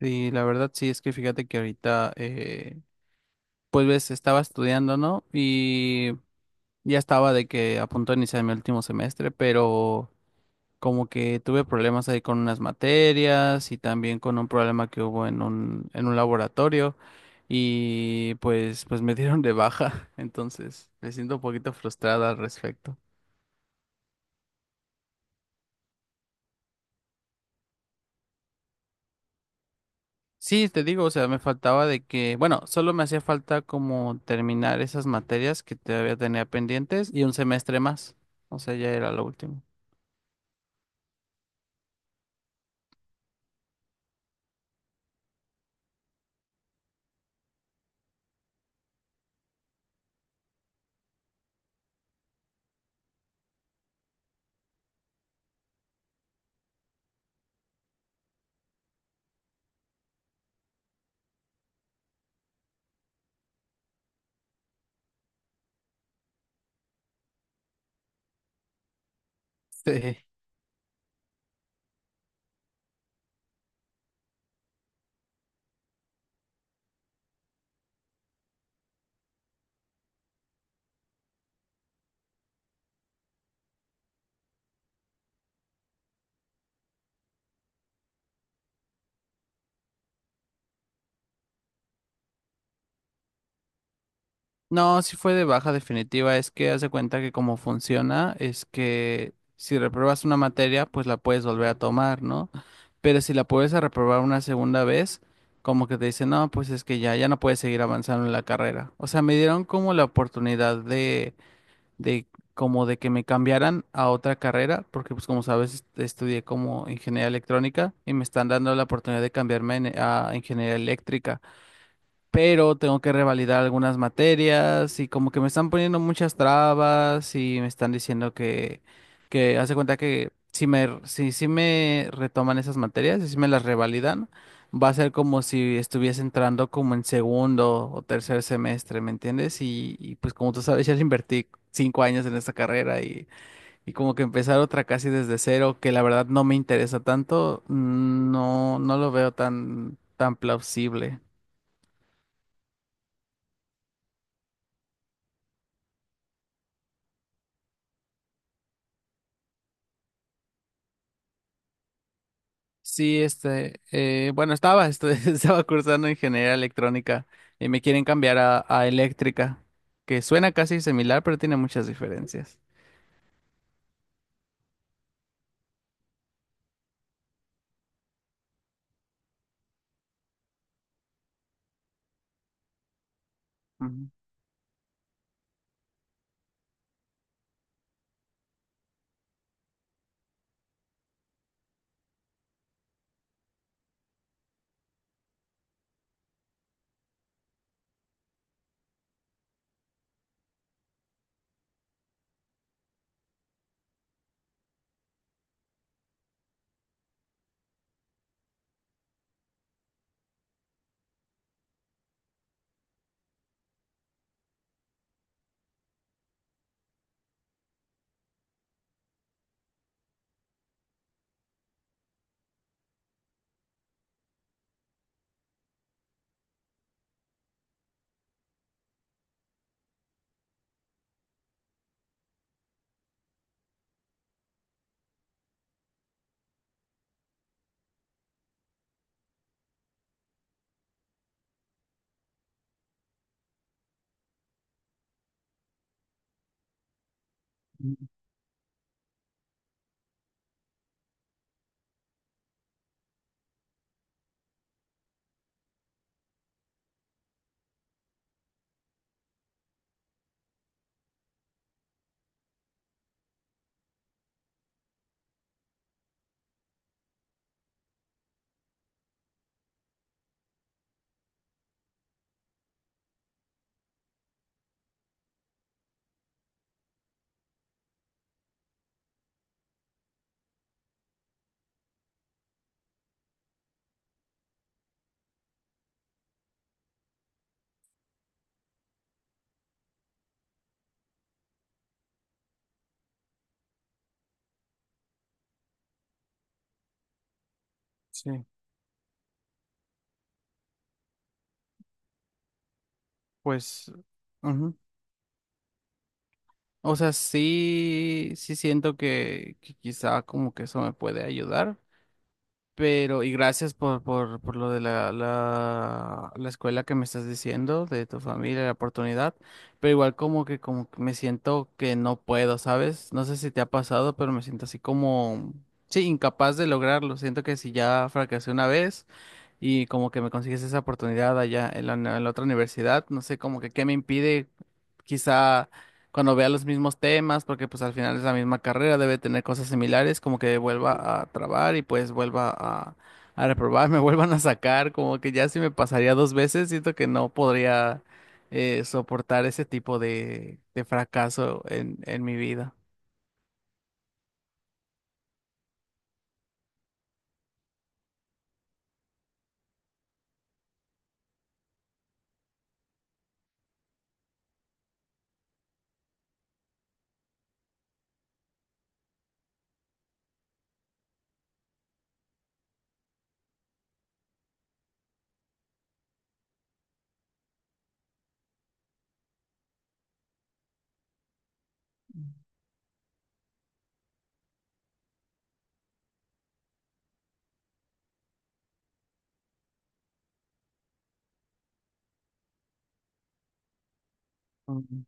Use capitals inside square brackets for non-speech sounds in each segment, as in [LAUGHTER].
Sí, la verdad sí, es que fíjate que ahorita, pues ves, estaba estudiando, ¿no? Y ya estaba de que a punto de iniciar mi último semestre, pero como que tuve problemas ahí con unas materias y también con un problema que hubo en un laboratorio y pues me [LAUGHS] dieron de baja, [LAUGHS] entonces me siento un poquito frustrada al respecto. Sí, te digo, o sea, me faltaba de que, bueno, solo me hacía falta como terminar esas materias que todavía tenía pendientes y un semestre más. O sea, ya era lo último. Sí. No, sí fue de baja definitiva. Es que haz de cuenta que como funciona es que si repruebas una materia, pues la puedes volver a tomar, ¿no? Pero si la puedes a reprobar una segunda vez, como que te dicen, no, pues es que ya, ya no puedes seguir avanzando en la carrera. O sea, me dieron como la oportunidad de como de que me cambiaran a otra carrera, porque pues como sabes estudié como ingeniería electrónica y me están dando la oportunidad de cambiarme a ingeniería eléctrica, pero tengo que revalidar algunas materias y como que me están poniendo muchas trabas y me están diciendo que hace cuenta que si me, si, si me retoman esas materias y si me las revalidan, va a ser como si estuviese entrando como en segundo o tercer semestre, ¿me entiendes? Y pues como tú sabes, ya le invertí 5 años en esta carrera y como que empezar otra casi desde cero, que la verdad no me interesa tanto, no, no lo veo tan, tan plausible. Sí, bueno, estaba, este, [LAUGHS] estaba cursando ingeniería electrónica y me quieren cambiar a eléctrica, que suena casi similar, pero tiene muchas diferencias. Ujú. Mm, sí, pues, ujú. O sea, sí, sí siento que quizá como que eso me puede ayudar. Pero, y gracias por, por lo de la escuela que me estás diciendo, de tu familia, la oportunidad. Pero igual como que me siento que no puedo, ¿sabes? No sé si te ha pasado, pero me siento así como, sí, incapaz de lograrlo. Siento que si ya fracasé una vez y como que me consigues esa oportunidad allá en la otra universidad, no sé, como que qué me impide quizá cuando vea los mismos temas, porque pues al final es la misma carrera, debe tener cosas similares, como que vuelva a trabar y pues vuelva a reprobar, [LAUGHS] me vuelvan a sacar, como que ya si me pasaría dos veces, siento que no podría soportar ese tipo de fracaso en mi vida. Ujú.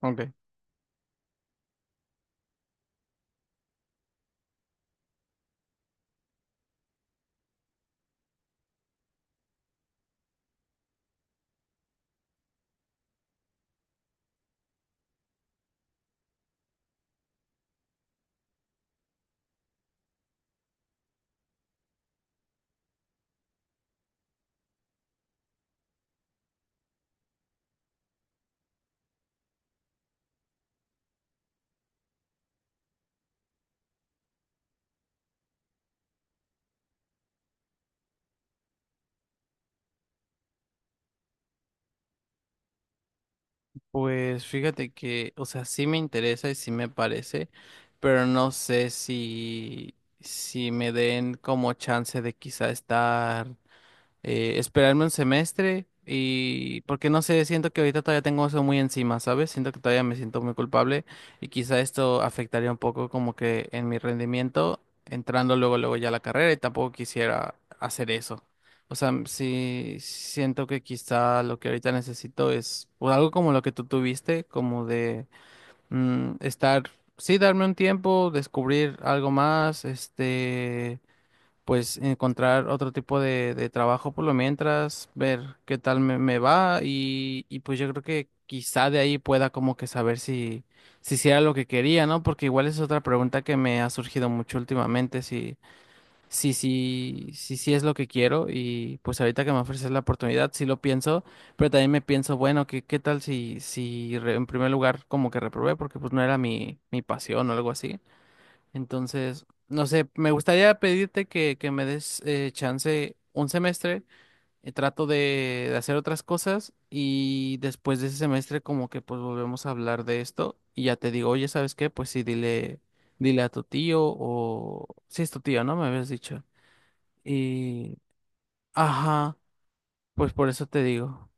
Ok, pues fíjate que, o sea, sí me interesa y sí me parece, pero no sé si, si me den como chance de quizá estar esperarme un semestre y porque no sé, siento que ahorita todavía tengo eso muy encima, ¿sabes? Siento que todavía me siento muy culpable y quizá esto afectaría un poco como que en mi rendimiento entrando luego luego ya a la carrera y tampoco quisiera hacer eso. O sea, sí siento que quizá lo que ahorita necesito es o algo como lo que tú tuviste, como de mm, estar, sí, darme un tiempo, descubrir algo más, este, pues encontrar otro tipo de trabajo por lo mientras, ver qué tal me, me va y pues yo creo que quizá de ahí pueda como que saber si, si sí era lo que quería, ¿no? Porque igual es otra pregunta que me ha surgido mucho últimamente, si es lo que quiero y pues ahorita que me ofreces la oportunidad, sí lo pienso, pero también me pienso, bueno, ¿qué, qué tal si, en primer lugar como que reprobé porque pues no era mi, mi pasión o algo así? Entonces, no sé, me gustaría pedirte que me des chance un semestre. Trato de hacer otras cosas y después de ese semestre como que pues volvemos a hablar de esto y ya te digo, oye, ¿sabes qué? Pues sí, dile, dile a tu tío o... Sí, es tu tío, ¿no? Me habías dicho. Y... Ajá, pues por eso te digo.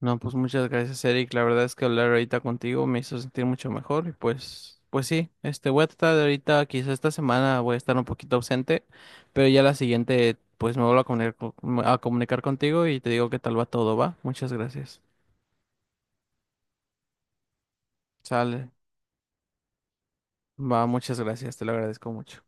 No, pues muchas gracias, Eric. La verdad es que hablar ahorita contigo me hizo sentir mucho mejor y pues, pues sí, este, voy a tratar de ahorita, quizá esta semana voy a estar un poquito ausente, pero ya la siguiente, pues me vuelvo a comunicar, a comunicar contigo y te digo qué tal va todo, ¿va? Muchas gracias. Sale, va, muchas gracias, te lo agradezco mucho.